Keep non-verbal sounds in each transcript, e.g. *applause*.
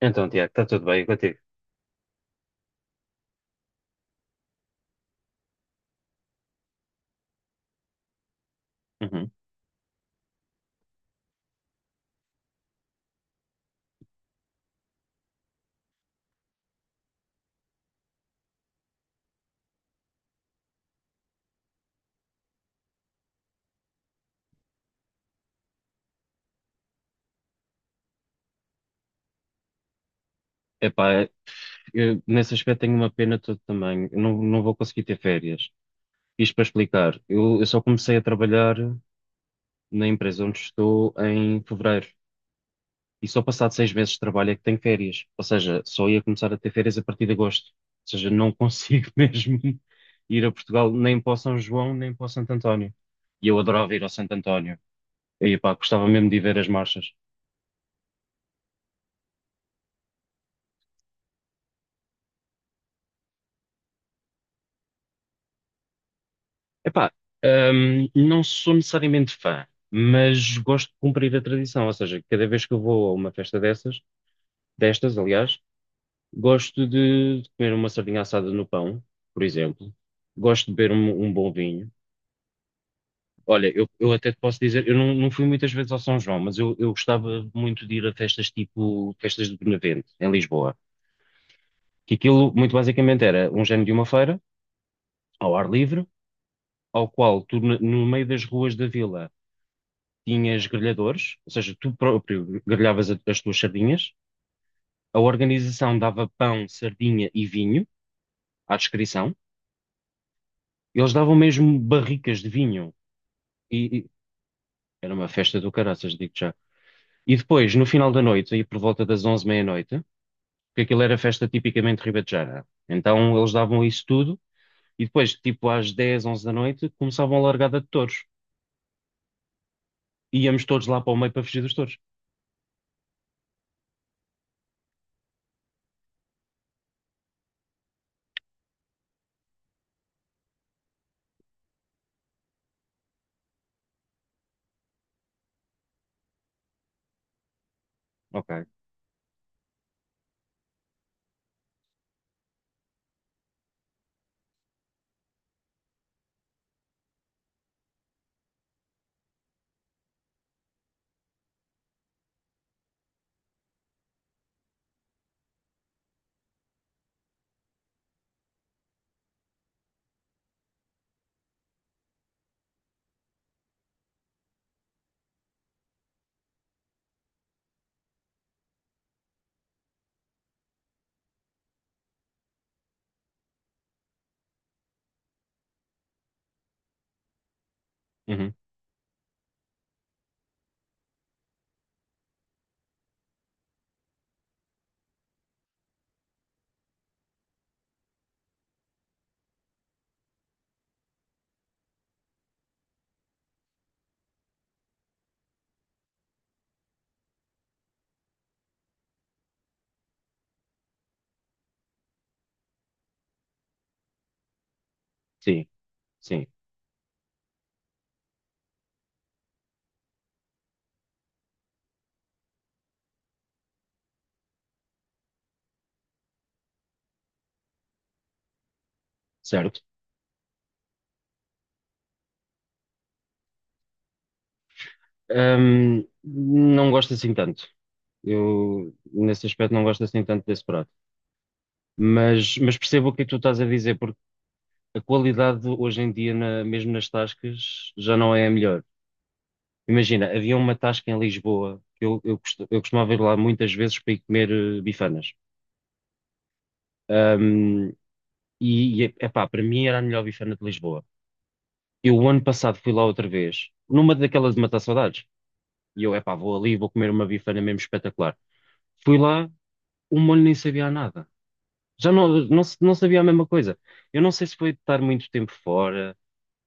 Então, Tiago, está tudo bem contigo? Uhum. Epá, eu, nesse aspecto tenho uma pena de todo tamanho. Eu não, não vou conseguir ter férias. Isto para explicar, eu só comecei a trabalhar na empresa onde estou em fevereiro. E só passado 6 meses de trabalho é que tenho férias. Ou seja, só ia começar a ter férias a partir de agosto. Ou seja, não consigo *laughs* mesmo ir a Portugal nem para o São João, nem para o Santo António. E eu adorava ir ao Santo António. E, epá, gostava mesmo de ir ver as marchas. Epá, não sou necessariamente fã, mas gosto de cumprir a tradição, ou seja, cada vez que eu vou a uma festa dessas, destas, aliás, gosto de comer uma sardinha assada no pão, por exemplo, gosto de beber um bom vinho. Olha, eu até te posso dizer, eu não fui muitas vezes ao São João, mas eu gostava muito de ir a festas tipo festas de Benavente, em Lisboa, que aquilo muito basicamente era um género de uma feira, ao ar livre, ao qual tu, no meio das ruas da vila tinhas grelhadores, ou seja, tu próprio grelhavas as tuas sardinhas, a organização dava pão, sardinha e vinho à descrição, e eles davam mesmo barricas de vinho, e, e era uma festa do caraças, digo já. E depois, no final da noite, aí por volta das 11 meia-noite, porque aquilo era festa tipicamente ribetejana, então eles davam isso tudo, e depois, tipo às 10, 11 da noite, começavam a largada de touros, íamos todos lá para o meio para fugir dos touros. Ok. Uhum. Sim, sim, certo. Não gosto assim tanto. Eu, nesse aspecto, não gosto assim tanto desse prato. Mas percebo o que é que tu estás a dizer, porque a qualidade hoje em dia, mesmo nas tascas, já não é a melhor. Imagina, havia uma tasca em Lisboa, que eu costumava ir lá muitas vezes para ir comer bifanas. Ahm, e, epá, para mim era a melhor bifana de Lisboa. Eu, o ano passado, fui lá outra vez, numa daquelas de matar saudades. E eu, epá, vou ali, vou comer uma bifana mesmo espetacular. Fui lá, o molho nem sabia a nada. Já não não sabia a mesma coisa. Eu não sei se foi de estar muito tempo fora,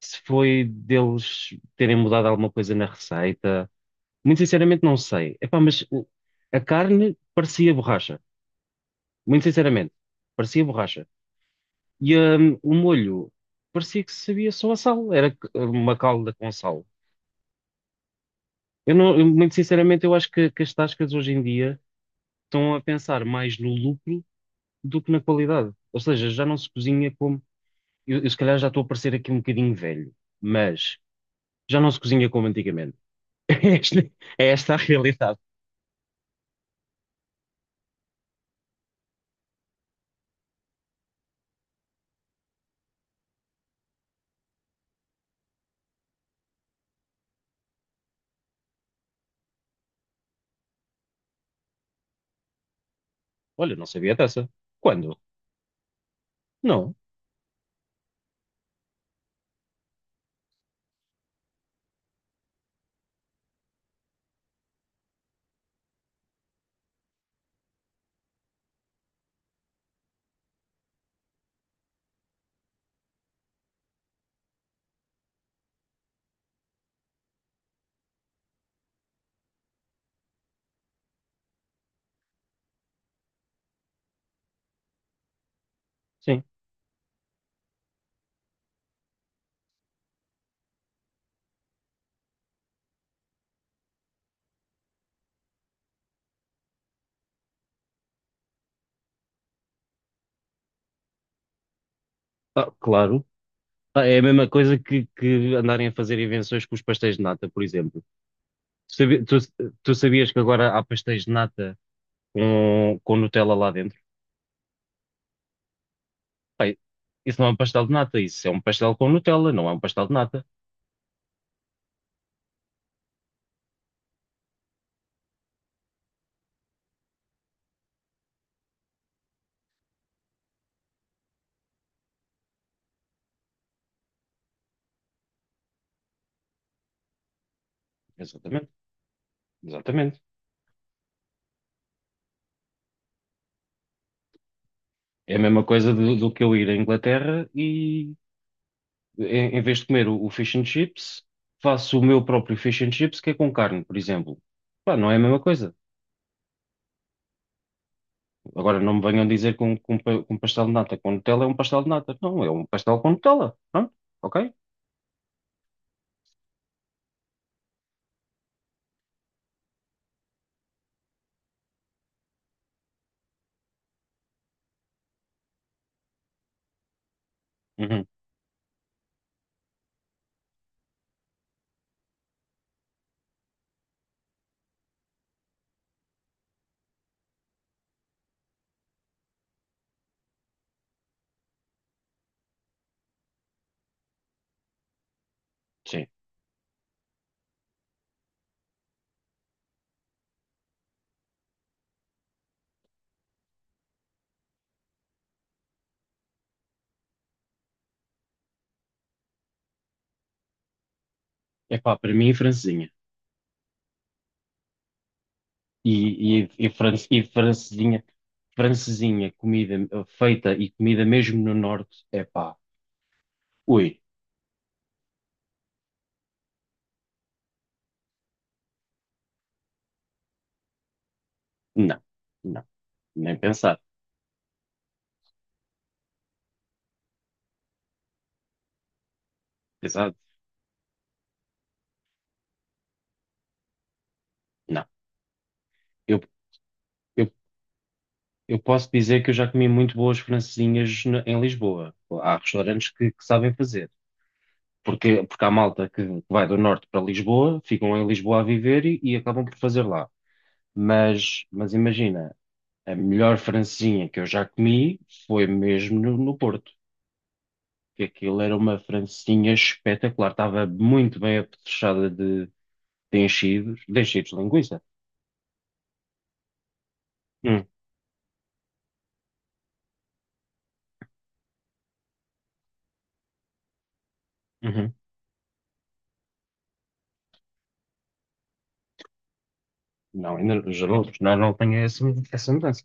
se foi deles terem mudado alguma coisa na receita. Muito sinceramente, não sei. Epá, mas a carne parecia borracha. Muito sinceramente, parecia borracha. E o molho parecia que sabia só a sal. Era uma calda com sal. Eu não, eu, muito sinceramente, eu acho que as tascas hoje em dia estão a pensar mais no lucro do que na qualidade. Ou seja, já não se cozinha. Eu se calhar já estou a parecer aqui um bocadinho velho, mas já não se cozinha como antigamente. *laughs* É esta, é esta a realidade. Olha, não sabia dessa. Quando? Não. Sim. Ah, claro. Ah, é a mesma coisa que andarem a fazer invenções com os pastéis de nata, por exemplo. Tu, sabi- tu- tu sabias que agora há pastéis de nata com Nutella lá dentro? Bem, isso não é um pastel de nata, isso é um pastel com Nutella, não é um pastel de nata. Exatamente, exatamente. É a mesma coisa do que eu ir à Inglaterra e em vez de comer o fish and chips, faço o meu próprio fish and chips que é com carne, por exemplo. Pá, não é a mesma coisa. Agora não me venham dizer que um pastel de nata com Nutella é um pastel de nata. Não, é um pastel com Nutella. Pronto, ok? Uhum, sim. Epá, para mim, francesinha. E, e francesinha, francesinha, comida feita e comida mesmo no norte, epá, ui, não, não, nem pensar. Exato. Não. Eu, eu, eu posso dizer que eu já comi muito boas francesinhas em Lisboa. Há restaurantes que sabem fazer. Porque há malta que vai do norte para Lisboa, ficam em Lisboa a viver e acabam por fazer lá. Mas imagina, a melhor francesinha que eu já comi foi mesmo no Porto. Que aquilo era uma francesinha espetacular. Estava muito bem apetrechada de enchidos, de enchidos de linguiça. Hum, uhum. Não, ainda, já não tenho essa mudança.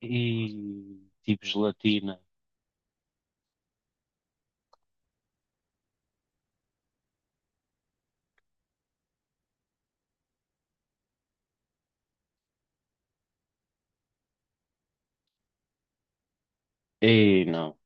E tipo gelatina. E não.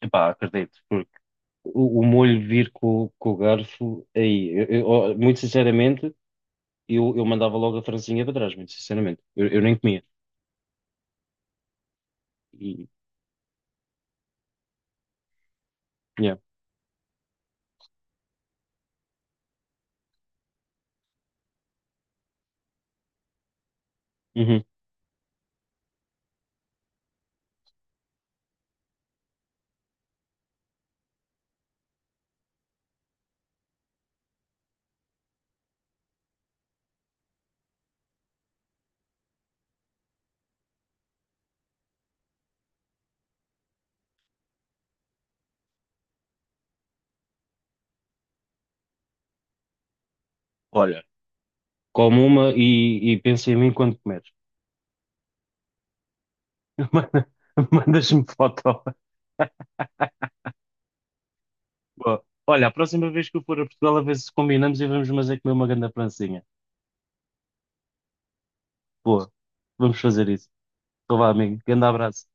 Epá, acredito, porque o molho vir com o garfo, aí, ó, muito sinceramente, eu mandava logo a francesinha para trás, muito sinceramente. Eu nem comia. E, yeah. Uhum. Olha, come uma e pensa em mim quando comeres. *laughs* Manda- Mandas-me foto. *laughs* Boa. Olha, a próxima vez que eu for a Portugal, a ver se combinamos e vamos fazer comer uma grande francesinha. Boa, vamos fazer isso. Então vá, amigo. Grande abraço.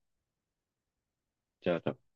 Tchau, tchau.